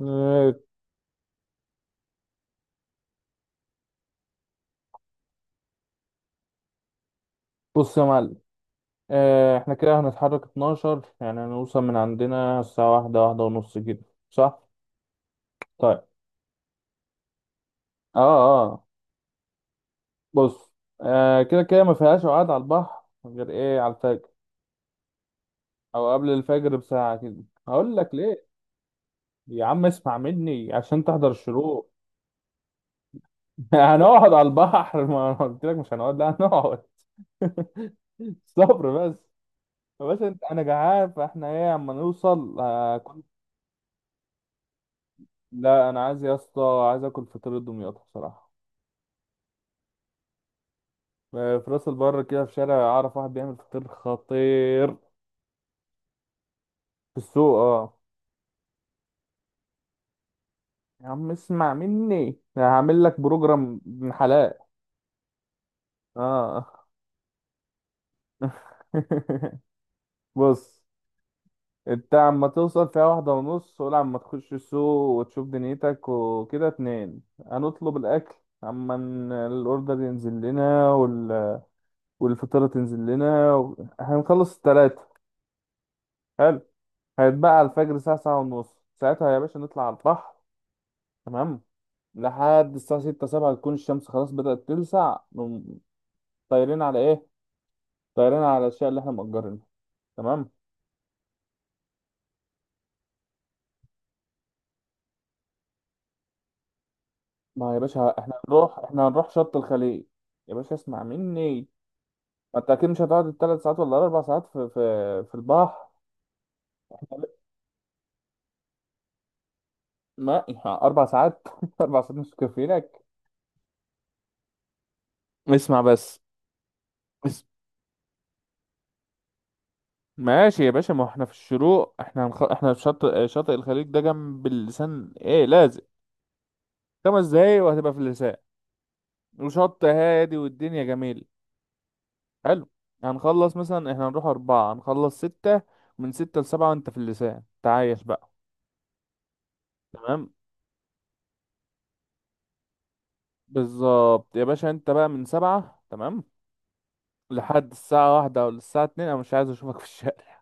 آه، بص يا معلم. احنا كده هنتحرك 12، يعني هنوصل من عندنا الساعة واحدة واحدة ونص كده، صح؟ طيب. اه اه بص. كده كده ما فيهاش قعد على البحر غير ايه على الفجر او قبل الفجر بساعة كده. هقول لك ليه، يا عم اسمع مني عشان تحضر الشروق. هنقعد على البحر ما انا قلت لك مش هنقعد، لا هنقعد. صبر بس. بس انت انا جعان، فاحنا ايه اما نوصل. لا انا عايز يا اسطى، عايز اكل فطير دمياط بصراحه. في راس البر كده في شارع اعرف واحد بيعمل فطير خطير. في السوق، اه. يا عم اسمع مني، أنا هعمل لك بروجرام ابن حلال. اه بص، انت عما توصل فيها واحدة ونص ولا عما تخش السوق وتشوف دنيتك، وكده اتنين هنطلب الأكل. عما الأوردر ينزل لنا والفطيرة تنزل لنا هنخلص التلاتة. حلو. هيتبقى على الفجر الساعة ساعة ونص، ساعتها يا باشا نطلع على البحر. تمام. لحد الساعة ستة سبعة تكون الشمس خلاص بدأت تلسع نقوم. طايرين على إيه؟ طايرين على الأشياء اللي إحنا مأجرينها. تمام؟ ما يا باشا إحنا هنروح شط الخليج. يا باشا اسمع مني، ما أنت أكيد مش هتقعد التلات ساعات ولا الأربع ساعات في البحر. ما أربع ساعات أربع ساعات مش كافيينك؟ اسمع بس. ماشي يا باشا، ما احنا في الشروق، احنا احنا في شاطئ الخليج، ده جنب اللسان ايه، لازق. 5 دقايق وهتبقى في اللسان، وشط هادي والدنيا جميل. حلو. هنخلص مثلا، احنا هنروح أربعة هنخلص ستة. من ستة لسبعة وانت في اللسان تعايش بقى. تمام. بالظبط يا باشا، انت بقى من سبعة، تمام، لحد الساعة واحدة أو الساعة اتنين أنا مش عايز أشوفك في الشارع.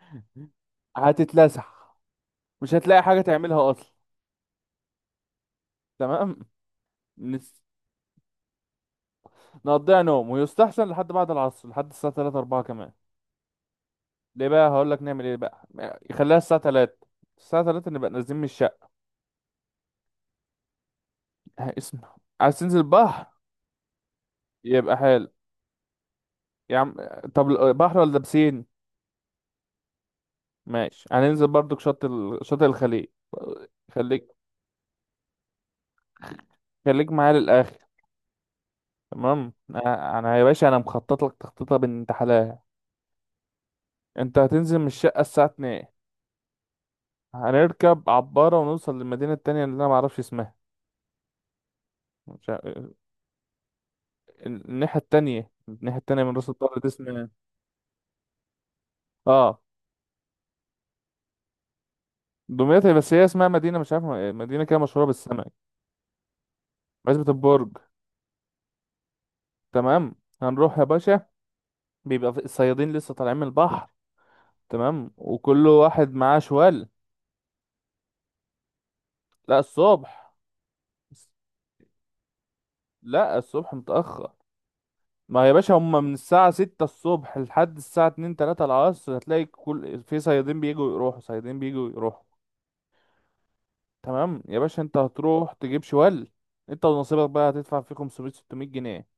هتتلسع، مش هتلاقي حاجة تعملها أصلا. تمام. من نقضيها نوم، ويستحسن لحد بعد العصر، لحد الساعة 3 4 كمان. ليه بقى، هقول لك نعمل ايه بقى. يخليها الساعة 3، الساعة 3 نبقى نازلين من الشقة. ها، اسمع. عايز تنزل بحر؟ يبقى حلو يا عم. طب بحر ولا بسين؟ ماشي، هننزل برضك شط شاطئ الخليج. خليك خليك معايا للآخر. تمام. انا يا باشا، انا مخطط لك تخطيطه بنت حلال. انت هتنزل من الشقة الساعة 2، هنركب عبارة ونوصل للمدينة التانية اللي انا معرفش اسمها. مش عارف- الناحية التانية، الناحية التانية، من راس البر دي اسمها، اه، دمياط، بس هي اسمها مدينة مش عارف، مدينة كده مشهورة بالسمك. عزبة البرج. تمام. هنروح يا باشا، بيبقى في الصيادين لسه طالعين من البحر. تمام، وكل واحد معاه شوال. لا الصبح. لا الصبح متأخر. ما يا باشا، هما من الساعة ستة الصبح لحد الساعة اتنين تلاتة العصر هتلاقي كل في صيادين بيجوا يروحوا صيادين بيجوا يروحوا. تمام يا باشا، انت هتروح تجيب شوال. انت ونصيبك بقى هتدفع فيه 500 600 جنيه.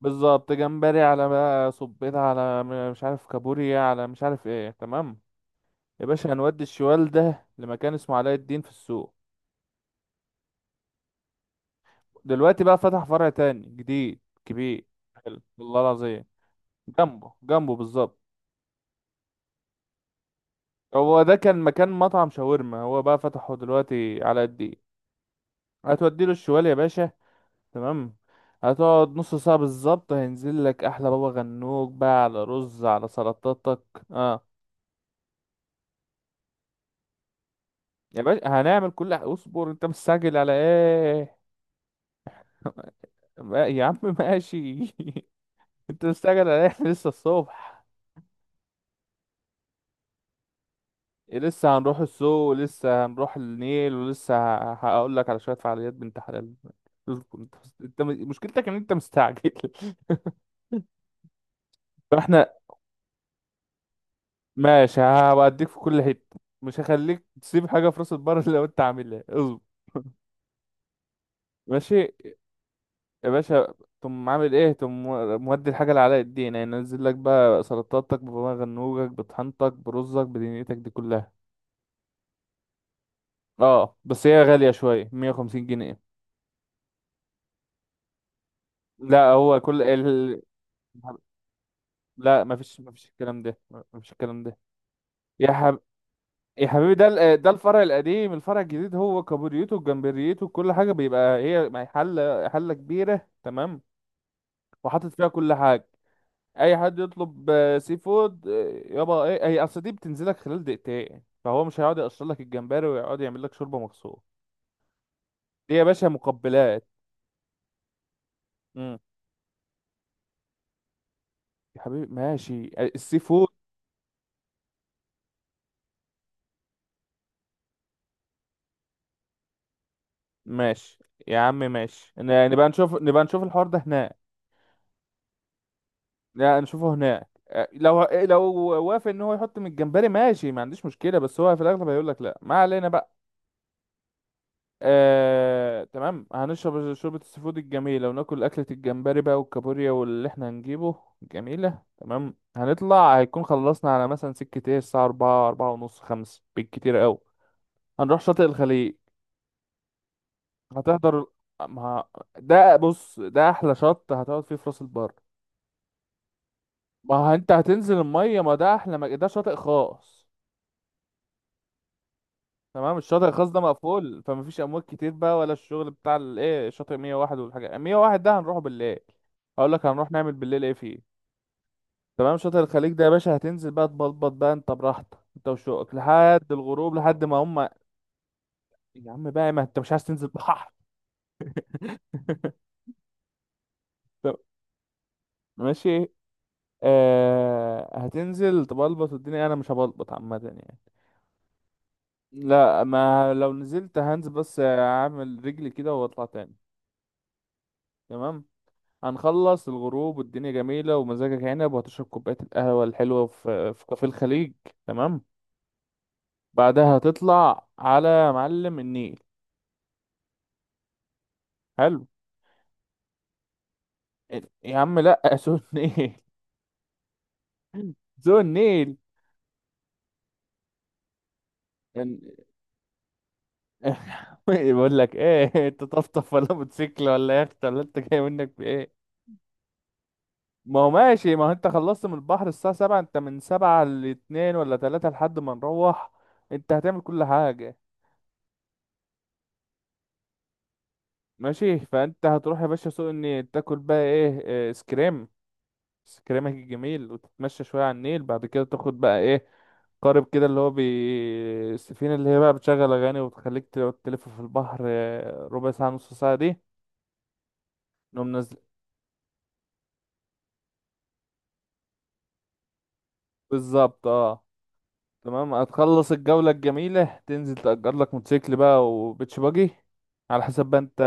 بالظبط، جمبري على بقى، صبيطة على مش عارف، كابوريا على مش عارف ايه، تمام. يا باشا هنودي الشوال ده لمكان اسمه علاء الدين في السوق. دلوقتي بقى فتح فرع تاني جديد كبير، حلو والله العظيم. جنبه جنبه بالظبط. هو ده كان مكان مطعم شاورما، هو بقى فتحه دلوقتي علاء الدين. هتودي له الشوال يا باشا. تمام. هتقعد نص ساعة بالظبط هينزل لك أحلى بابا غنوج بقى، على رز، على سلطاتك. اه يا باشا، هنعمل كل اصبر، انت مستعجل على ايه؟ يا عم ماشي. انت مستعجل على ايه؟ إحنا لسه الصبح. لسه هنروح السوق ولسه هنروح النيل ولسه هقول لك على شوية فعاليات بنت حلال. اصبر انت. انت مشكلتك ان انت مستعجل. فاحنا ماشي، هوديك في كل حتة، مش هخليك تسيب حاجة في راس البر لو انت عاملها، اصبر. ماشي يا باشا، تقوم عامل ايه؟ تقوم مودي الحاجة اللي على الدين، يعني ينزل لك بقى سلطاتك بغنوجك بطحنتك برزك بدنيتك دي كلها. اه بس هي غالية شوية، 150 جنيه. لا هو كل لا مفيش الكلام ده، مفيش الكلام ده. يا حب... يا حبيبي، ده ده الفرع القديم، الفرع الجديد هو كابوريته وجمبريته كل حاجة بيبقى هي مع حلة كبيرة، تمام، وحاطط فيها كل حاجة. اي حد يطلب سي فود، يابا ايه، هي اصل دي بتنزلك خلال دقيقتين، فهو مش هيقعد يقشر لك الجمبري ويقعد يعمل لك شوربه مخصوص. دي يا باشا مقبلات. امم. يا حبيبي ماشي، السي فود. ماشي يا عم، ماشي، نبقى نشوف الحوار ده هناك. لا نشوفه هناك. لو وافق ان هو يحط من الجمبري، ماشي، ما عنديش مشكله، بس هو في الاغلب هيقول لك لا. ما علينا بقى. تمام، هنشرب شوربة السي فود الجميلة وناكل أكلة الجمبري بقى والكابوريا واللي احنا هنجيبه، جميلة. تمام، هنطلع، هيكون خلصنا على مثلا سكة ايه الساعة أربعة أربعة ونص خمس بالكتير أوي. هنروح شاطئ الخليج. هتحضر. ما ده بص، ده أحلى شط هتقعد فيه في راس البر. ما انت هتنزل المية، ما ده أحلى، ما ده شاطئ خاص. تمام. الشاطئ الخاص ده مقفول، فمفيش امواج كتير بقى، ولا الشغل بتاع الايه شاطئ 101 والحاجه، 101 ده هنروحه بالليل. هقول لك هنروح نعمل بالليل ايه فيه. تمام. شاطئ الخليج ده يا باشا هتنزل بقى تبلبط بقى انت براحتك، انت وشوقك، لحد الغروب، لحد ما هم. يا عم بقى، ما انت مش عايز تنزل بحر؟ طب ماشي. هتنزل تبلبط الدنيا، انا مش هبلبط عامه يعني. لا ما لو نزلت هنزل بس اعمل رجلي كده واطلع تاني. تمام. هنخلص الغروب والدنيا جميلة ومزاجك عنب، وهتشرب كوباية القهوة الحلوة في كافيه الخليج. تمام. بعدها هتطلع على معلم النيل. حلو. يا عم لا، سو النيل. سو النيل. بقول لك ايه، انت طفطف ولا موتوسيكل ولا يخت؟ ولا انت جاي منك في ايه؟ ما هو ماشي، ما هو انت خلصت من البحر الساعة سبعة، انت من سبعة لاتنين ولا تلاتة لحد ما نروح، انت هتعمل كل حاجة. ماشي، فانت هتروح يا باشا سوق النيل، تاكل بقى ايه، اسكريم، اسكريمك الجميل، وتتمشى شوية على النيل، بعد كده تاخد بقى ايه، قارب كده اللي هو السفينة، اللي هي بقى بتشغل أغاني وتخليك تقعد تلف في البحر ربع ساعة نص ساعة دي. نقوم نازل. بالظبط. اه تمام، هتخلص الجولة الجميلة، تنزل تأجر لك موتوسيكل بقى، وبيتش باجي على حسب بقى انت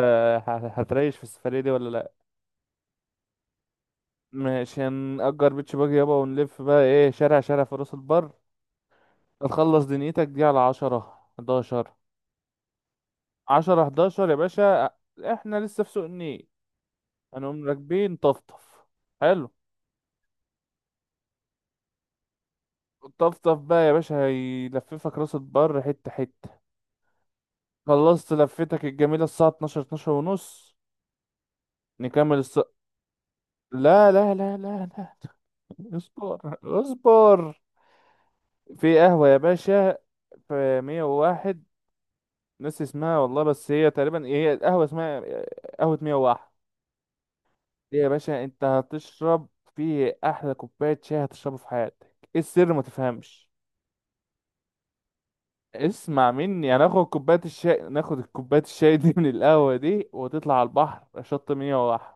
هتريش في السفرية دي ولا لأ. ماشي، هنأجر بيتش باجي يابا ونلف بقى ايه شارع شارع في راس البر. هتخلص دنيتك دي على 10 11. عشرة حداشر يا باشا، احنا لسه في سوق النيل. هنقوم راكبين طفطف. حلو. الطفطف بقى يا باشا هيلففك راس البر حتة حتة. خلصت لفتك الجميلة الساعة 12 12:30، نكمل لا لا لا لا لا. اصبر اصبر. في قهوة يا باشا، في مية وواحد، ناس اسمها والله، بس هي تقريبا هي القهوة اسمها قهوة مية وواحد. ليه يا باشا، انت هتشرب في احلى كوبايه شاي هتشربه في حياتك. ايه السر؟ ما تفهمش، اسمع مني، هناخد كوبايه الشاي، ناخد الكوبايه الشاي دي من القهوه دي وتطلع على البحر شط 101.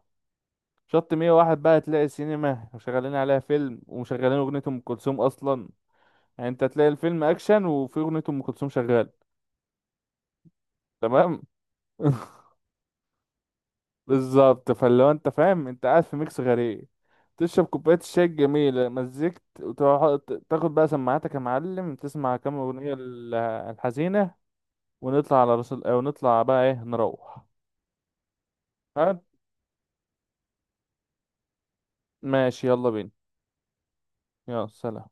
شط 101 بقى تلاقي سينما وشغالين عليها فيلم ومشغلين اغنيه ام كلثوم اصلا. يعني انت تلاقي الفيلم اكشن وفي اغنيه ام كلثوم شغاله. تمام. بالظبط، فاللي هو انت فاهم انت قاعد في ميكس غريب، تشرب كوباية الشاي الجميلة مزيكت، وتروح تاخد بقى سماعاتك يا معلم، تسمع كام أغنية الحزينة، ونطلع على رسول، ونطلع بقى ايه، نروح. ها؟ ماشي يلا بينا. يلا سلام.